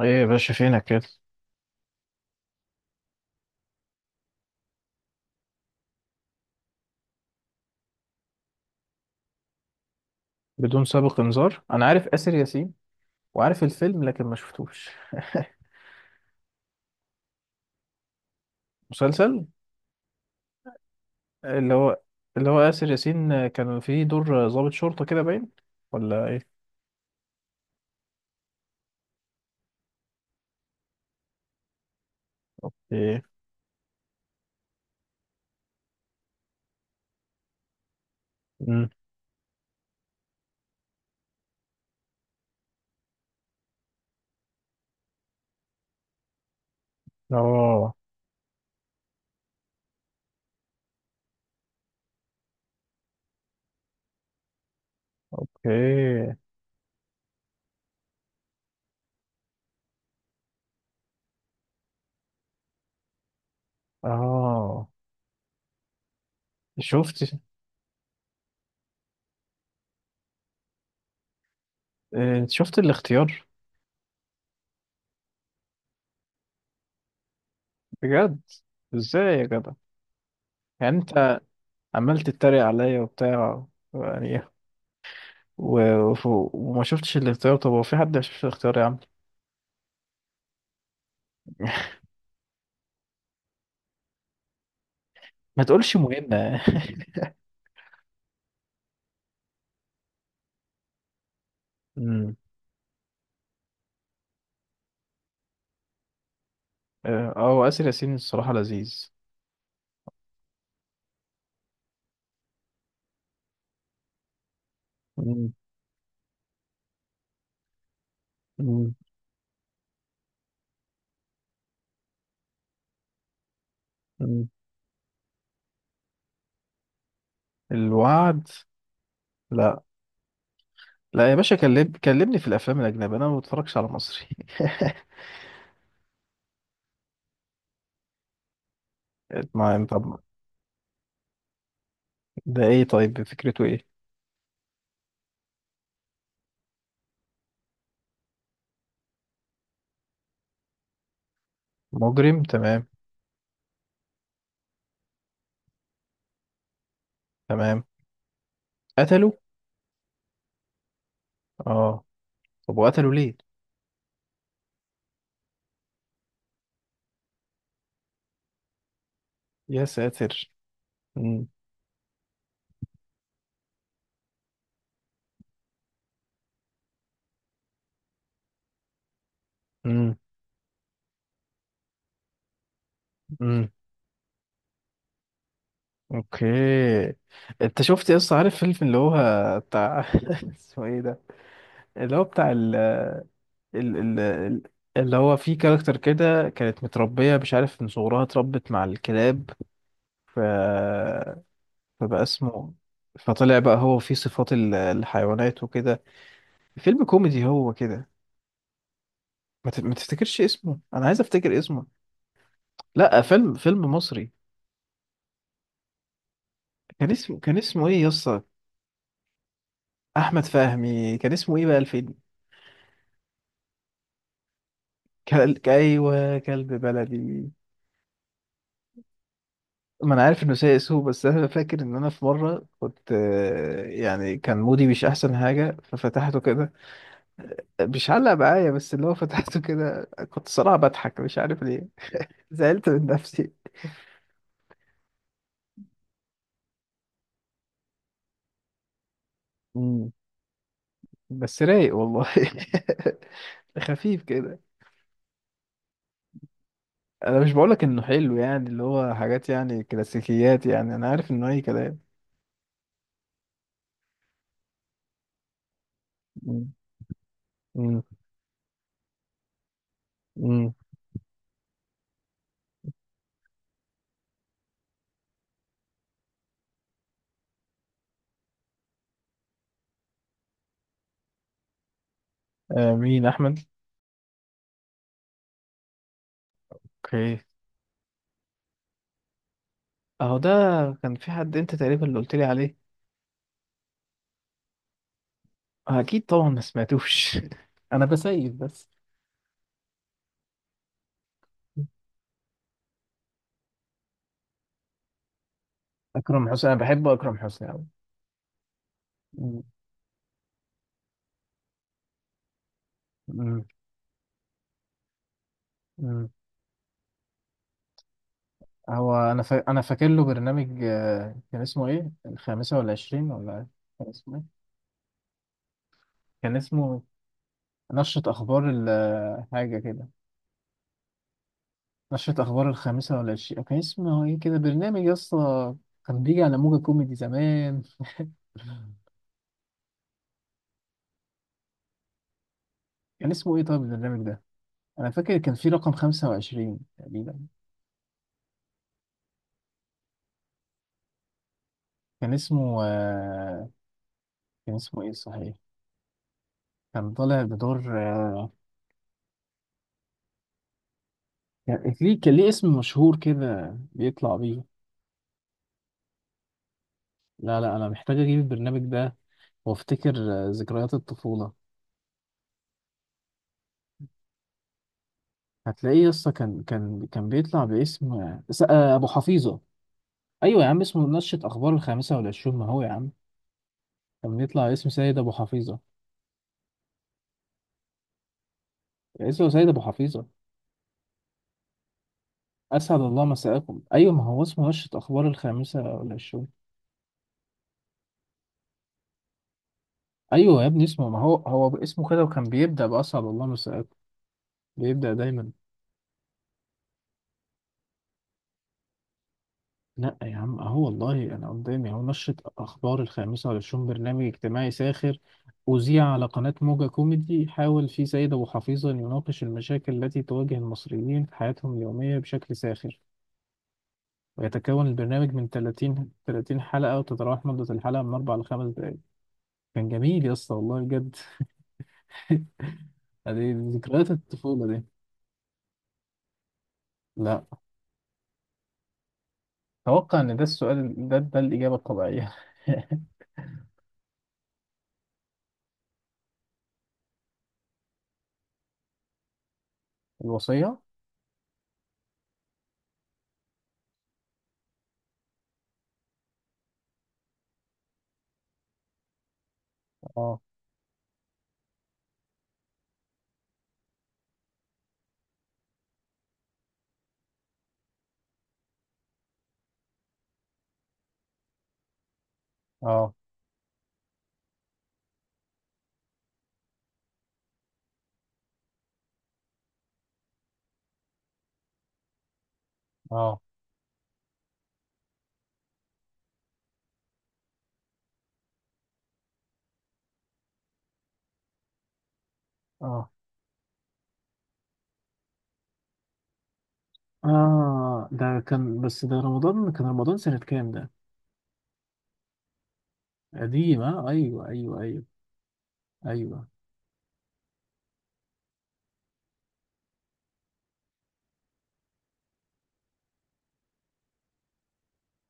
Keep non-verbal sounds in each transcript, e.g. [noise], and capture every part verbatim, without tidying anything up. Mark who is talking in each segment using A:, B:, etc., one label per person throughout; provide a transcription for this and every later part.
A: ايه يا باشا فينك كده؟ بدون سابق انذار، انا عارف آسر ياسين وعارف الفيلم لكن ما شفتوش. [laughs] مسلسل. اللي هو اللي هو آسر ياسين كان فيه دور ضابط شرطة كده باين، ولا ايه؟ ايه. امم. اه. اوكي. اه. شفت. إيه، شفت الاختيار؟ بجد؟ ازاي يا جدع؟ يعني انت عمال تتريق عليا وبتاع؟ يعني و... و... وما شفتش الاختيار. طب هو في حد ما شافش الاختيار يا عم؟ ما تقولش مهمة. [laughs] اه آه، هو آسر ياسين الصراحة لذيذ. مم. مم. مم. الوعد. لا. لا يا باشا، كلم كلمني في الافلام الاجنبيه، انا ما بتفرجش على مصري. [laughs] ما يعني، طب. ده ايه، طيب فكرته ايه؟ مجرم تمام. تمام. قتلوا. اه. طب وقتلوا ليه؟ يا ساتر. امم. امم. امم. اوكي. انت شفت يا اسطى عارف فيلم اللي هو بتاع [laughs] اسمه ايه ده؟ اللي هو بتاع ال ال ال- اللي هو في كاركتر كده كانت متربية، مش عارف من صغرها اتربت مع الكلاب. ف... فبقى اسمه، فطلع بقى هو فيه صفات ال- الحيوانات وكده. فيلم كوميدي هو كده؟ ما, ت... ما تفتكرش اسمه، انا عايز افتكر اسمه. لا، فيلم فيلم مصري. كان اسمه كان اسمه ايه يا اسطى؟ احمد فهمي كان اسمه ايه بقى الفيلم؟ كل... ايوه، كلب بلدي. ما انا عارف انه سيء سوء، بس انا فاكر ان انا في مره كنت، آه، يعني كان مودي مش احسن حاجه ففتحته كده. مش علق معايا، بس اللي هو فتحته كده كنت صراحه بضحك مش عارف ليه. زعلت من نفسي. مم. بس رايق والله. [laughs] خفيف كده. انا مش بقولك انه حلو، يعني اللي هو حاجات يعني كلاسيكيات، يعني انا عارف انه اي كلام. مم. مم. مم. آه، مين احمد؟ اوكي. اهو ده. كان في حد انت تقريبا اللي قلت لي عليه. اكيد طبعا ما سمعتوش. [laughs] انا بسيف بس. اكرم حسني، انا بحب اكرم حسني قوي. مم. مم. مم. هو انا فا... انا فاكر له برنامج، آه، كان اسمه ايه، الخامسة والعشرين ولا إيه؟ كان اسمه ايه؟ كان اسمه نشرة اخبار ال- آه، حاجة كده. نشرة اخبار الخامسة والعشرين، كان اسمه ايه كده برنامج يا اسطى؟ كان بيجي على موجة كوميدي زمان. كان اسمه ايه طيب البرنامج ده؟ انا فاكر كان في رقم خمسة وعشرين تقريبا. كان اسمه آه، كان اسمه ايه صحيح؟ كان طالع بدور آه، كان ليه كان ليه اسم مشهور كده بيطلع بيه. لا لا، انا محتاج اجيب البرنامج ده وافتكر آه، ذكريات الطفوله. هتلاقيه يسطا، كان كان كان بيطلع باسم آه، س- آه، ابو حفيظه. ايوه يا عم، اسمه نشرة اخبار الخامسه والعشرون، ما هو يا عم. كان بيطلع اسم سيد ابو حفيظه. اسمه سيد ابو حفيظه. اسعد الله مساءكم، ايوه ما هو اسمه نشرة اخبار الخامسه والعشرون. ايوه يا ابني اسمه، ما هو هو اسمه كده، وكان بيبدا باسعد الله مساءكم. بيبدا دايما. لا يا عم، اهو والله انا قدامي اهو: نشرة اخبار الخامسة والعشرون، برنامج اجتماعي ساخر اذيع على قناة موجة كوميدي، حاول فيه سيد ابو حفيظة أن يناقش المشاكل التي تواجه المصريين في حياتهم اليومية بشكل ساخر، ويتكون البرنامج من ثلاثين ثلاثين حلقة، وتتراوح مدة الحلقة من اربعة ل خمس دقائق. كان جميل يا اسطى والله بجد. [laughs] دي ذكريات الطفولة دي. لا. اتوقع ان ده السؤال، ده ده الإجابة الطبيعية. [laughs] الوصية. اه. اه. اه. اه. آه، ده كان، بس ده رمضان، كان رمضان سنة كام ده؟ قديم. آه أيوه، أيوه، أيوه. أيوه.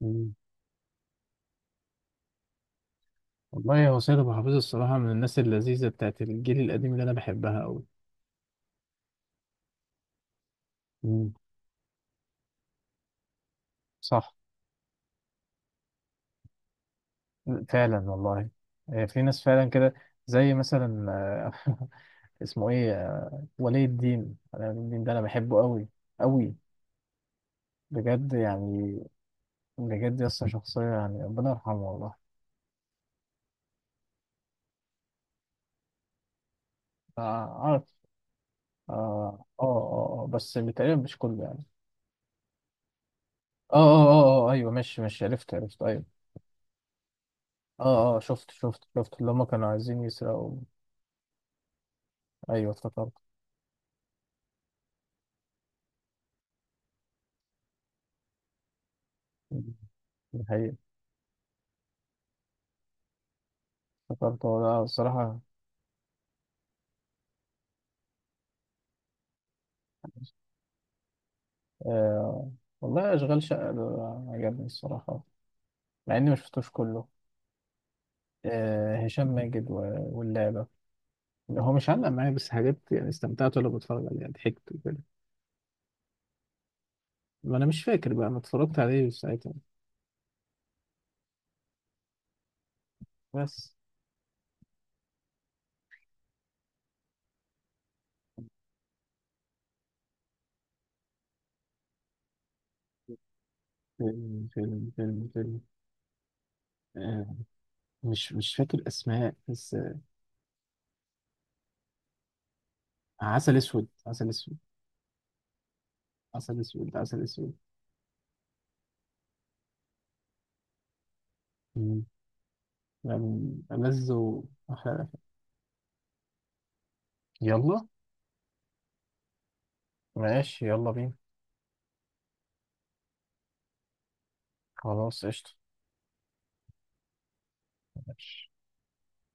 A: مم. والله هو سيد أبو حفيظ الصراحة من الناس اللذيذة بتاعت الجيل القديم اللي أنا بحبها أوي. مم. صح. فعلا والله. آه، في ناس فعلا كده، زي مثلا آه، [laughs] اسمه ايه آه، ولي الدين. أنا ولي الدين ده انا بحبه قوي قوي. بجد يعني. بجد يسطا، شخصية يعني ربنا يرحمه والله. آه، عارف. اه. اه. اه. آه، بس تقريبا مش كله يعني. اه. اه. اه. اه. اه، ايوه ماشي ماشي عرفت عرفت ايوه. اه. اه. اه، شفت شفت شفت اللي هما كانوا عايزين يسرقوا. ايوه افتكرت. دي حقيقة. افتكرت هو ده الصراحة. آه والله، اشغال شقة ده عجبني الصراحة، مع اني مشفتوش كله. آه، هشام ماجد و- واللعبة. هو مش علق معايا بس حاجات، يعني استمتعت وانا بتفرج عليها ضحكت وكده. ما انا مش فاكر بقى، انا اتفرجت عليه ساعتها بس. فيلم فيلم فيلم فيلم. آه مش مش فاكر اسماء بس. عسل اسود، عسل اسود، عسل اسود، عسل اسود. مم. يعني ألذ وأحلى الأفلام. يلا. ماشي، يلا بينا. خلاص قشطة. ماشي